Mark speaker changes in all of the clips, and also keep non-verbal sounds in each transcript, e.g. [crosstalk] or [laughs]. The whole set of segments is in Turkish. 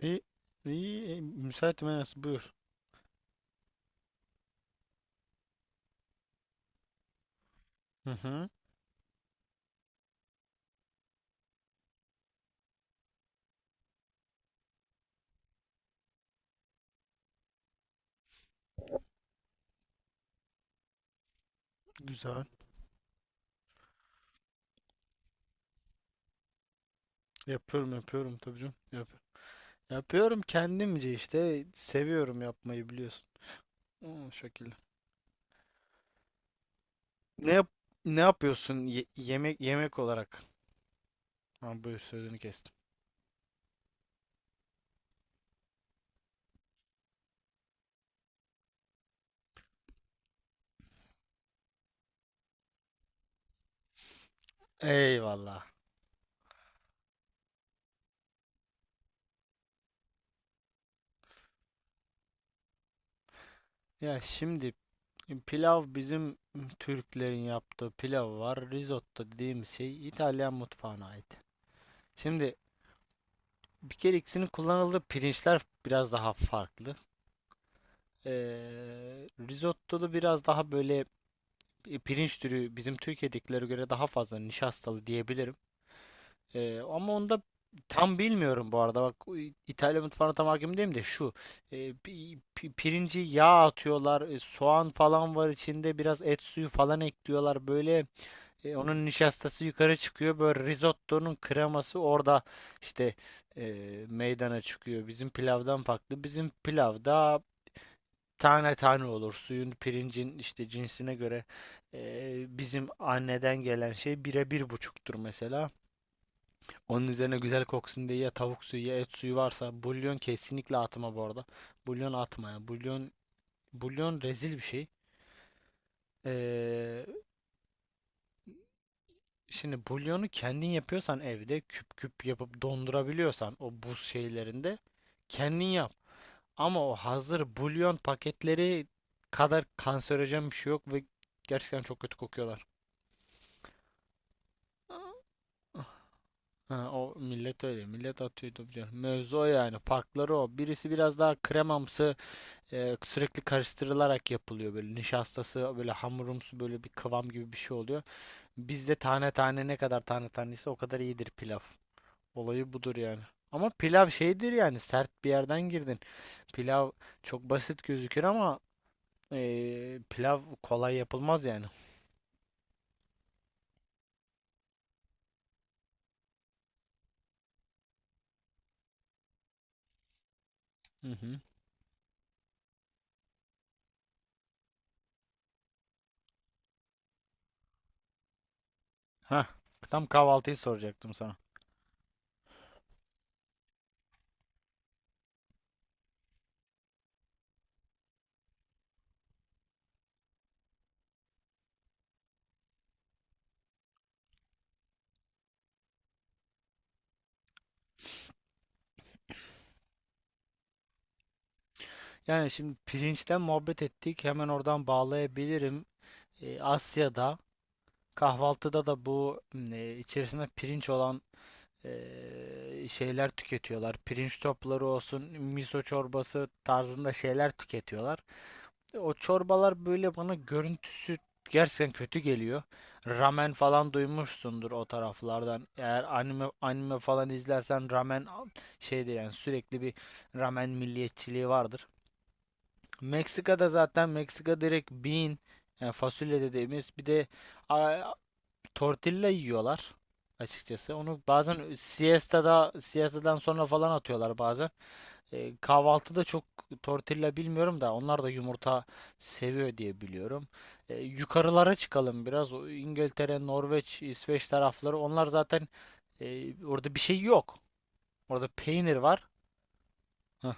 Speaker 1: İyi, iyi, iyi. Müsaitim Enes, buyur. Hı hı, güzel. Yapıyorum yapıyorum tabii canım. Yapıyorum kendimce işte, seviyorum yapmayı biliyorsun. O şekilde. Ne yap Ne yapıyorsun yemek olarak? Ha, buyur, sözünü kestim. Eyvallah. Ya şimdi pilav, bizim Türklerin yaptığı pilav var. Risotto dediğim şey İtalyan mutfağına ait. Şimdi bir kere ikisinin kullanıldığı pirinçler biraz daha farklı. Risotto'da biraz daha böyle pirinç türü bizim Türkiye'dekilere göre daha fazla nişastalı diyebilirim. Ama onda tam bilmiyorum bu arada. Bak, o İtalya mutfağına tam hakim değilim de şu. Pirinci yağ atıyorlar. Soğan falan var içinde. Biraz et suyu falan ekliyorlar. Böyle onun nişastası yukarı çıkıyor. Böyle risottonun kreması orada işte e, meydana çıkıyor. Bizim pilavdan farklı. Bizim pilavda tane tane olur. Suyun, pirincin işte cinsine göre bizim anneden gelen şey bire bir buçuktur mesela. Onun üzerine güzel koksun diye ya tavuk suyu ya et suyu, varsa bulyon, kesinlikle atma bu arada. Bulyon atma ya. Bulyon rezil bir şey. Eee, Şimdi bulyonu kendin yapıyorsan, evde küp küp yapıp dondurabiliyorsan o buz şeylerinde, kendin yap. Ama o hazır bulyon paketleri kadar kanserojen bir şey yok ve gerçekten çok kötü kokuyorlar. Ha, o millet öyle. Millet atıyor tabii canım. Mevzu o yani. Farkları o. Birisi biraz daha kremamsı, sürekli karıştırılarak yapılıyor böyle. Nişastası böyle hamurumsu, böyle bir kıvam gibi bir şey oluyor. Bizde tane tane, ne kadar tane tanesi o kadar iyidir pilav. Olayı budur yani. Ama pilav şeydir yani, sert bir yerden girdin. Pilav çok basit gözükür ama pilav kolay yapılmaz yani. Hı hı. Hah, tam kahvaltıyı soracaktım sana. Yani şimdi pirinçten muhabbet ettik, hemen oradan bağlayabilirim. Asya'da kahvaltıda da bu içerisinde pirinç olan şeyler tüketiyorlar. Pirinç topları olsun, miso çorbası tarzında şeyler tüketiyorlar. O çorbalar böyle, bana görüntüsü gerçekten kötü geliyor. Ramen falan duymuşsundur o taraflardan. Eğer anime anime falan izlersen, ramen şeyde yani, sürekli bir ramen milliyetçiliği vardır. Meksika'da zaten, Meksika direkt bean yani fasulye dediğimiz bir de a, tortilla yiyorlar açıkçası. Onu bazen siesta'dan sonra falan atıyorlar bazen. Kahvaltıda çok tortilla bilmiyorum da, onlar da yumurta seviyor diye biliyorum. Yukarılara çıkalım biraz. O İngiltere, Norveç, İsveç tarafları, onlar zaten, orada bir şey yok. Orada peynir var. Heh.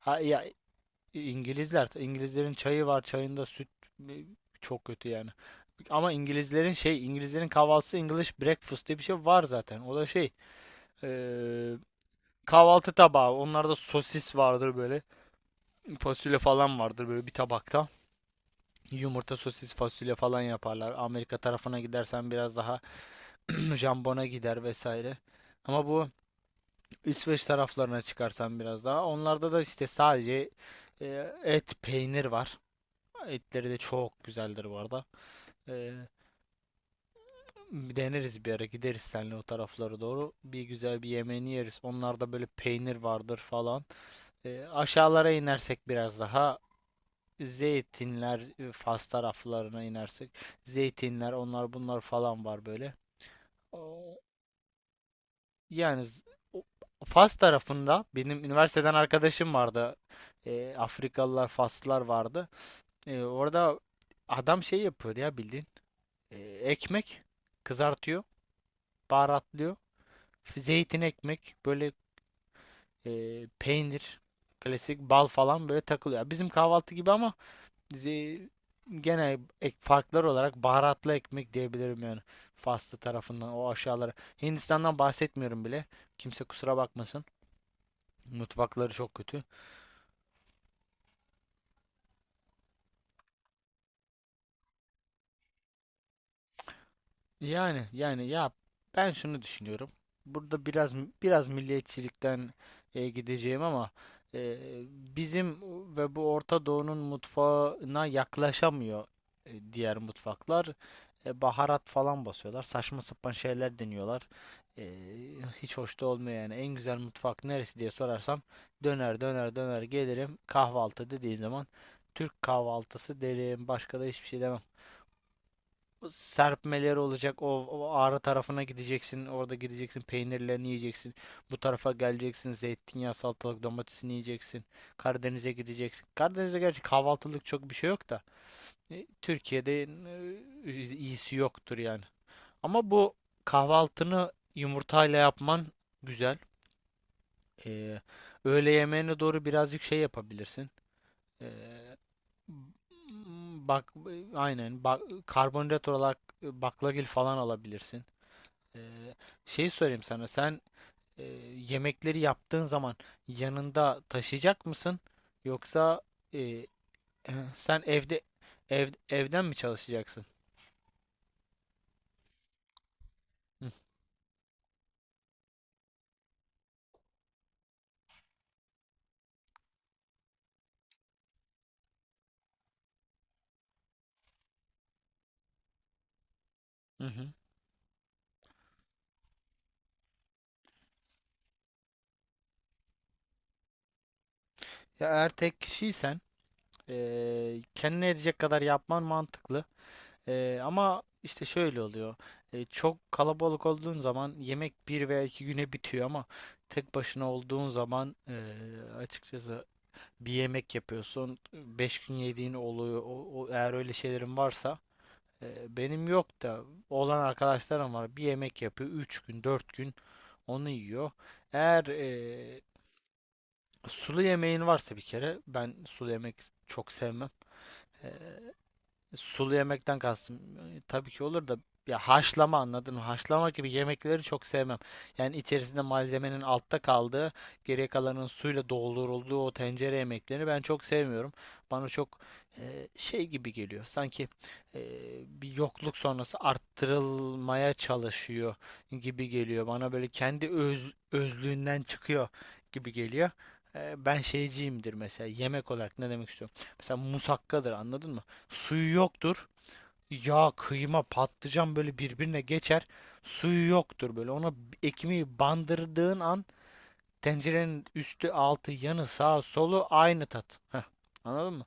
Speaker 1: Ha, ya İngilizlerin çayı var, çayında süt, e, çok kötü yani. Ama İngilizlerin kahvaltısı English breakfast diye bir şey var zaten. O da şey, e, kahvaltı tabağı. Onlarda sosis vardır böyle, fasulye falan vardır böyle bir tabakta. Yumurta, sosis, fasulye falan yaparlar. Amerika tarafına gidersen biraz daha [clears throat] jambona gider vesaire. Ama bu İsveç taraflarına çıkarsan biraz daha. Onlarda da işte sadece e, et, peynir var. Etleri de çok güzeldir bu arada. Ee, Bir deneriz, bir ara gideriz seninle o taraflara doğru. Bir güzel bir yemeğini yeriz. Onlarda böyle peynir vardır falan. Aşağılara inersek biraz daha zeytinler, Fas taraflarına inersek zeytinler, onlar bunlar falan var böyle. O- Yani o- Fas tarafında benim üniversiteden arkadaşım vardı. Afrikalılar, Faslılar vardı. Orada adam şey yapıyordu ya bildiğin. Ekmek kızartıyor, baharatlıyor. Zeytin, ekmek, böyle peynir, klasik bal falan böyle takılıyor. Bizim kahvaltı gibi ama ze- gene farklar olarak baharatlı ekmek diyebilirim yani. Faslı tarafından o aşağılara. Hindistan'dan bahsetmiyorum bile. Kimse kusura bakmasın. Mutfakları çok kötü. Yani ya, ben şunu düşünüyorum. Burada biraz milliyetçilikten gideceğim ama e, bizim ve bu Orta Doğu'nun mutfağına yaklaşamıyor diğer mutfaklar. Baharat falan basıyorlar. Saçma sapan şeyler deniyorlar. E, Hiç hoş da olmuyor yani. En güzel mutfak neresi diye sorarsam, döner döner döner gelirim. Kahvaltı dediğin zaman Türk kahvaltısı derim. Başka da hiçbir şey demem. Serpmeleri olacak. O Ağrı tarafına gideceksin. Orada gideceksin. Peynirlerini yiyeceksin. Bu tarafa geleceksin. Zeytinyağı, salatalık, domatesini yiyeceksin. Karadeniz'e gideceksin. Karadeniz'de gerçi kahvaltılık çok bir şey yok da, Türkiye'de iyisi yoktur yani. Ama bu kahvaltını yumurtayla yapman güzel. Ee, Öğle yemeğine doğru birazcık şey yapabilirsin. Ee, Bak aynen bak, karbonhidrat olarak baklagil falan alabilirsin. Ee, Şey sorayım sana. Sen e, yemekleri yaptığın zaman yanında taşıyacak mısın? Yoksa e, [clears throat] sen evde, evden mi çalışacaksın? Hı hı. Hı. Ya eğer tek kişiysen, kendine edecek kadar yapman mantıklı. Ama işte şöyle oluyor. Çok kalabalık olduğun zaman yemek 1 veya 2 güne bitiyor, ama tek başına olduğun zaman, açıkçası bir yemek yapıyorsun. 5 gün yediğin oluyor. Eğer öyle şeylerin varsa, benim yok da olan arkadaşlarım var. Bir yemek yapıyor. 3 gün, 4 gün onu yiyor. Eğer sulu yemeğin varsa, bir kere ben sulu yemek çok sevmem. E, Sulu yemekten kastım. Tabii ki olur da, ya haşlama, anladın mı? Haşlama gibi yemekleri çok sevmem. Yani içerisinde malzemenin altta kaldığı, geriye kalanın suyla doldurulduğu o tencere yemeklerini ben çok sevmiyorum. Bana çok şey gibi geliyor. Sanki e, bir yokluk sonrası arttırılmaya çalışıyor gibi geliyor. Bana böyle kendi özlüğünden çıkıyor gibi geliyor. Ben şeyciyimdir mesela, yemek olarak ne demek istiyorum? Mesela musakkadır, anladın mı? Suyu yoktur. Yağ, kıyma, patlıcan böyle birbirine geçer. Suyu yoktur böyle. Ona ekmeği bandırdığın an, tencerenin üstü, altı, yanı, sağı, solu aynı tat. Heh, anladın mı?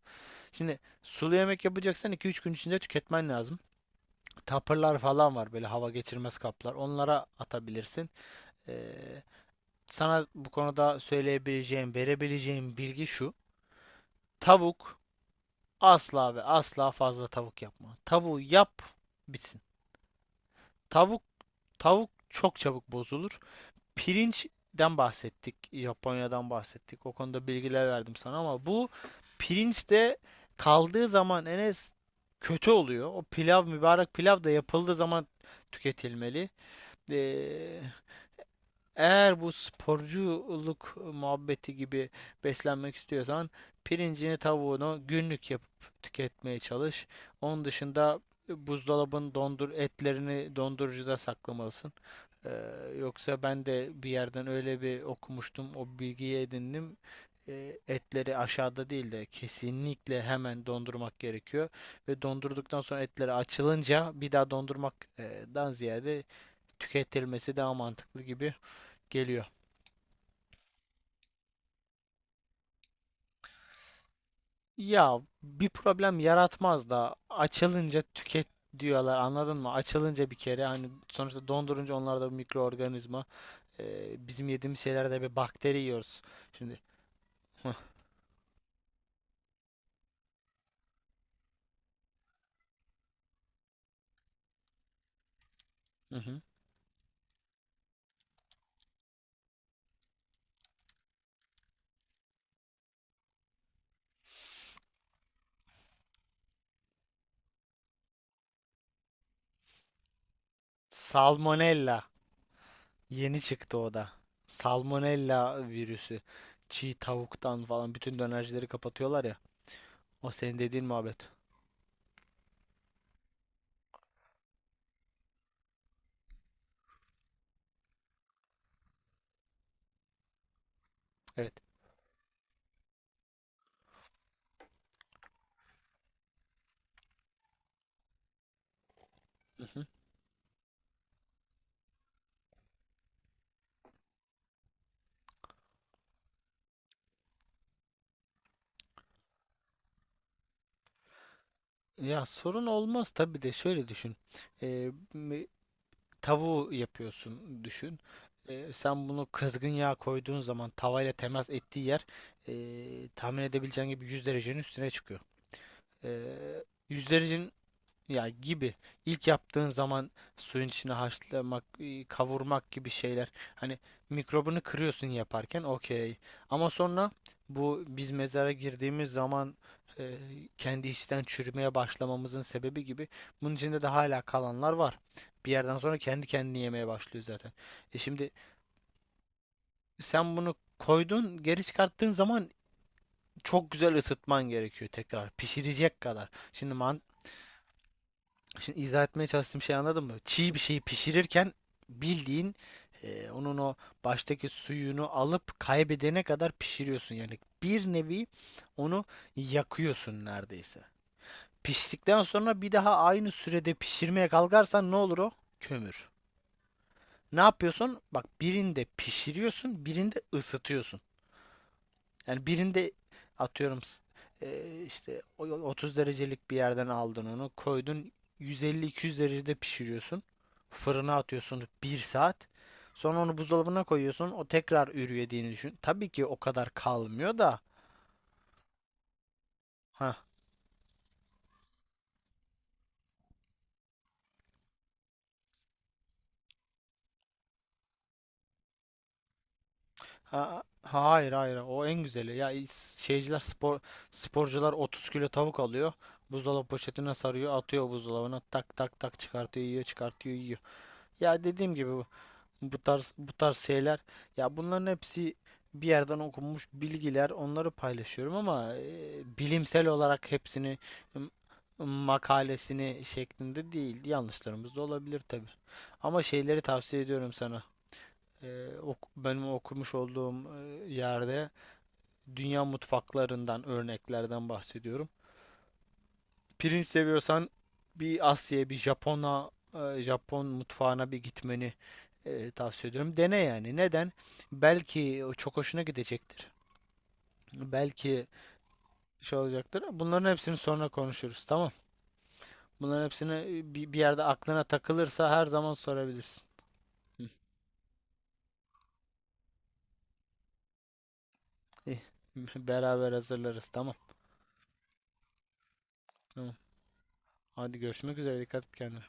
Speaker 1: Şimdi sulu yemek yapacaksan 2-3 gün içinde tüketmen lazım. Tapırlar falan var, böyle hava geçirmez kaplar. Onlara atabilirsin. Ee, Sana bu konuda söyleyebileceğim, verebileceğim bilgi şu. Tavuk, asla ve asla fazla tavuk yapma. Tavuğu yap, bitsin. Tavuk Tavuk çok çabuk bozulur. Pirinçten bahsettik, Japonya'dan bahsettik. O konuda bilgiler verdim sana ama bu pirinç de kaldığı zaman, Enes, kötü oluyor. O pilav, mübarek pilav da yapıldığı zaman tüketilmeli. Ee, Eğer bu sporculuk muhabbeti gibi beslenmek istiyorsan, pirincini, tavuğunu günlük yapıp tüketmeye çalış. Onun dışında buzdolabın, dondur, etlerini dondurucuda saklamalısın. Yoksa ben de bir yerden öyle bir okumuştum, o bilgiyi edindim. Etleri aşağıda değil de kesinlikle hemen dondurmak gerekiyor. Ve dondurduktan sonra etleri açılınca bir daha dondurmaktan ziyade tüketilmesi daha mantıklı gibi geliyor. Ya bir problem yaratmaz da, açılınca tüket diyorlar, anladın mı? Açılınca bir kere, hani sonuçta dondurunca, onlarda bir mikroorganizma. Bizim yediğimiz şeylerde bir bakteri yiyoruz. Şimdi. [laughs] Salmonella. Yeni çıktı o da. Salmonella virüsü. Çiğ tavuktan falan bütün dönercileri kapatıyorlar ya. O senin dediğin muhabbet. Evet. Hı hı. Ya sorun olmaz tabii de şöyle düşün. Ee, m- Tavuğu yapıyorsun, düşün. Sen bunu kızgın yağ koyduğun zaman, tavayla temas ettiği yer, tahmin edebileceğin gibi, 100 derecenin üstüne çıkıyor. 100 derecenin. Ya gibi. İlk yaptığın zaman suyun içine haşlamak, kavurmak gibi şeyler. Hani mikrobunu kırıyorsun yaparken, okey. Ama sonra bu, biz mezara girdiğimiz zaman e, kendi içten çürümeye başlamamızın sebebi gibi. Bunun içinde de hala kalanlar var. Bir yerden sonra kendi kendini yemeye başlıyor zaten. Şimdi sen bunu koydun, geri çıkarttığın zaman çok güzel ısıtman gerekiyor tekrar. Pişirecek kadar. Şimdi izah etmeye çalıştığım şeyi anladın mı? Çiğ bir şeyi pişirirken, bildiğin, onun o baştaki suyunu alıp kaybedene kadar pişiriyorsun. Yani bir nevi onu yakıyorsun neredeyse. Piştikten sonra bir daha aynı sürede pişirmeye kalkarsan ne olur o? Kömür. Ne yapıyorsun? Bak, birinde pişiriyorsun, birinde ısıtıyorsun. Yani birinde atıyorum, 30 derecelik bir yerden aldın onu, koydun 150-200 derecede pişiriyorsun. Fırına atıyorsun bir saat. Sonra onu buzdolabına koyuyorsun. O tekrar ürüyediğini düşün. Tabii ki o kadar kalmıyor da. Ha, ha, hayır hayır, o en güzeli. Şeyciler, sporcular 30 kilo tavuk alıyor. Buzdolabı poşetine sarıyor, atıyor buzdolabına, tak tak tak çıkartıyor, yiyor, çıkartıyor, yiyor. Ya dediğim gibi, bu tarz bu tarz şeyler, ya bunların hepsi bir yerden okunmuş bilgiler, onları paylaşıyorum ama bilimsel olarak hepsini, m- makalesini şeklinde değil. Yanlışlarımız da olabilir tabi. Ama şeyleri tavsiye ediyorum sana. Benim okumuş olduğum yerde dünya mutfaklarından örneklerden bahsediyorum, pirinç seviyorsan bir Asya'ya, bir Japon'a, Japon mutfağına bir gitmeni tavsiye ediyorum. Dene yani. Neden? Belki o çok hoşuna gidecektir. Belki şey olacaktır. Bunların hepsini sonra konuşuruz. Tamam. Bunların hepsini, bir yerde aklına takılırsa her zaman sorabilirsin. Hı. İyi. [laughs] Beraber hazırlarız. Tamam. Tamam. Hadi görüşmek üzere. Dikkat et kendine.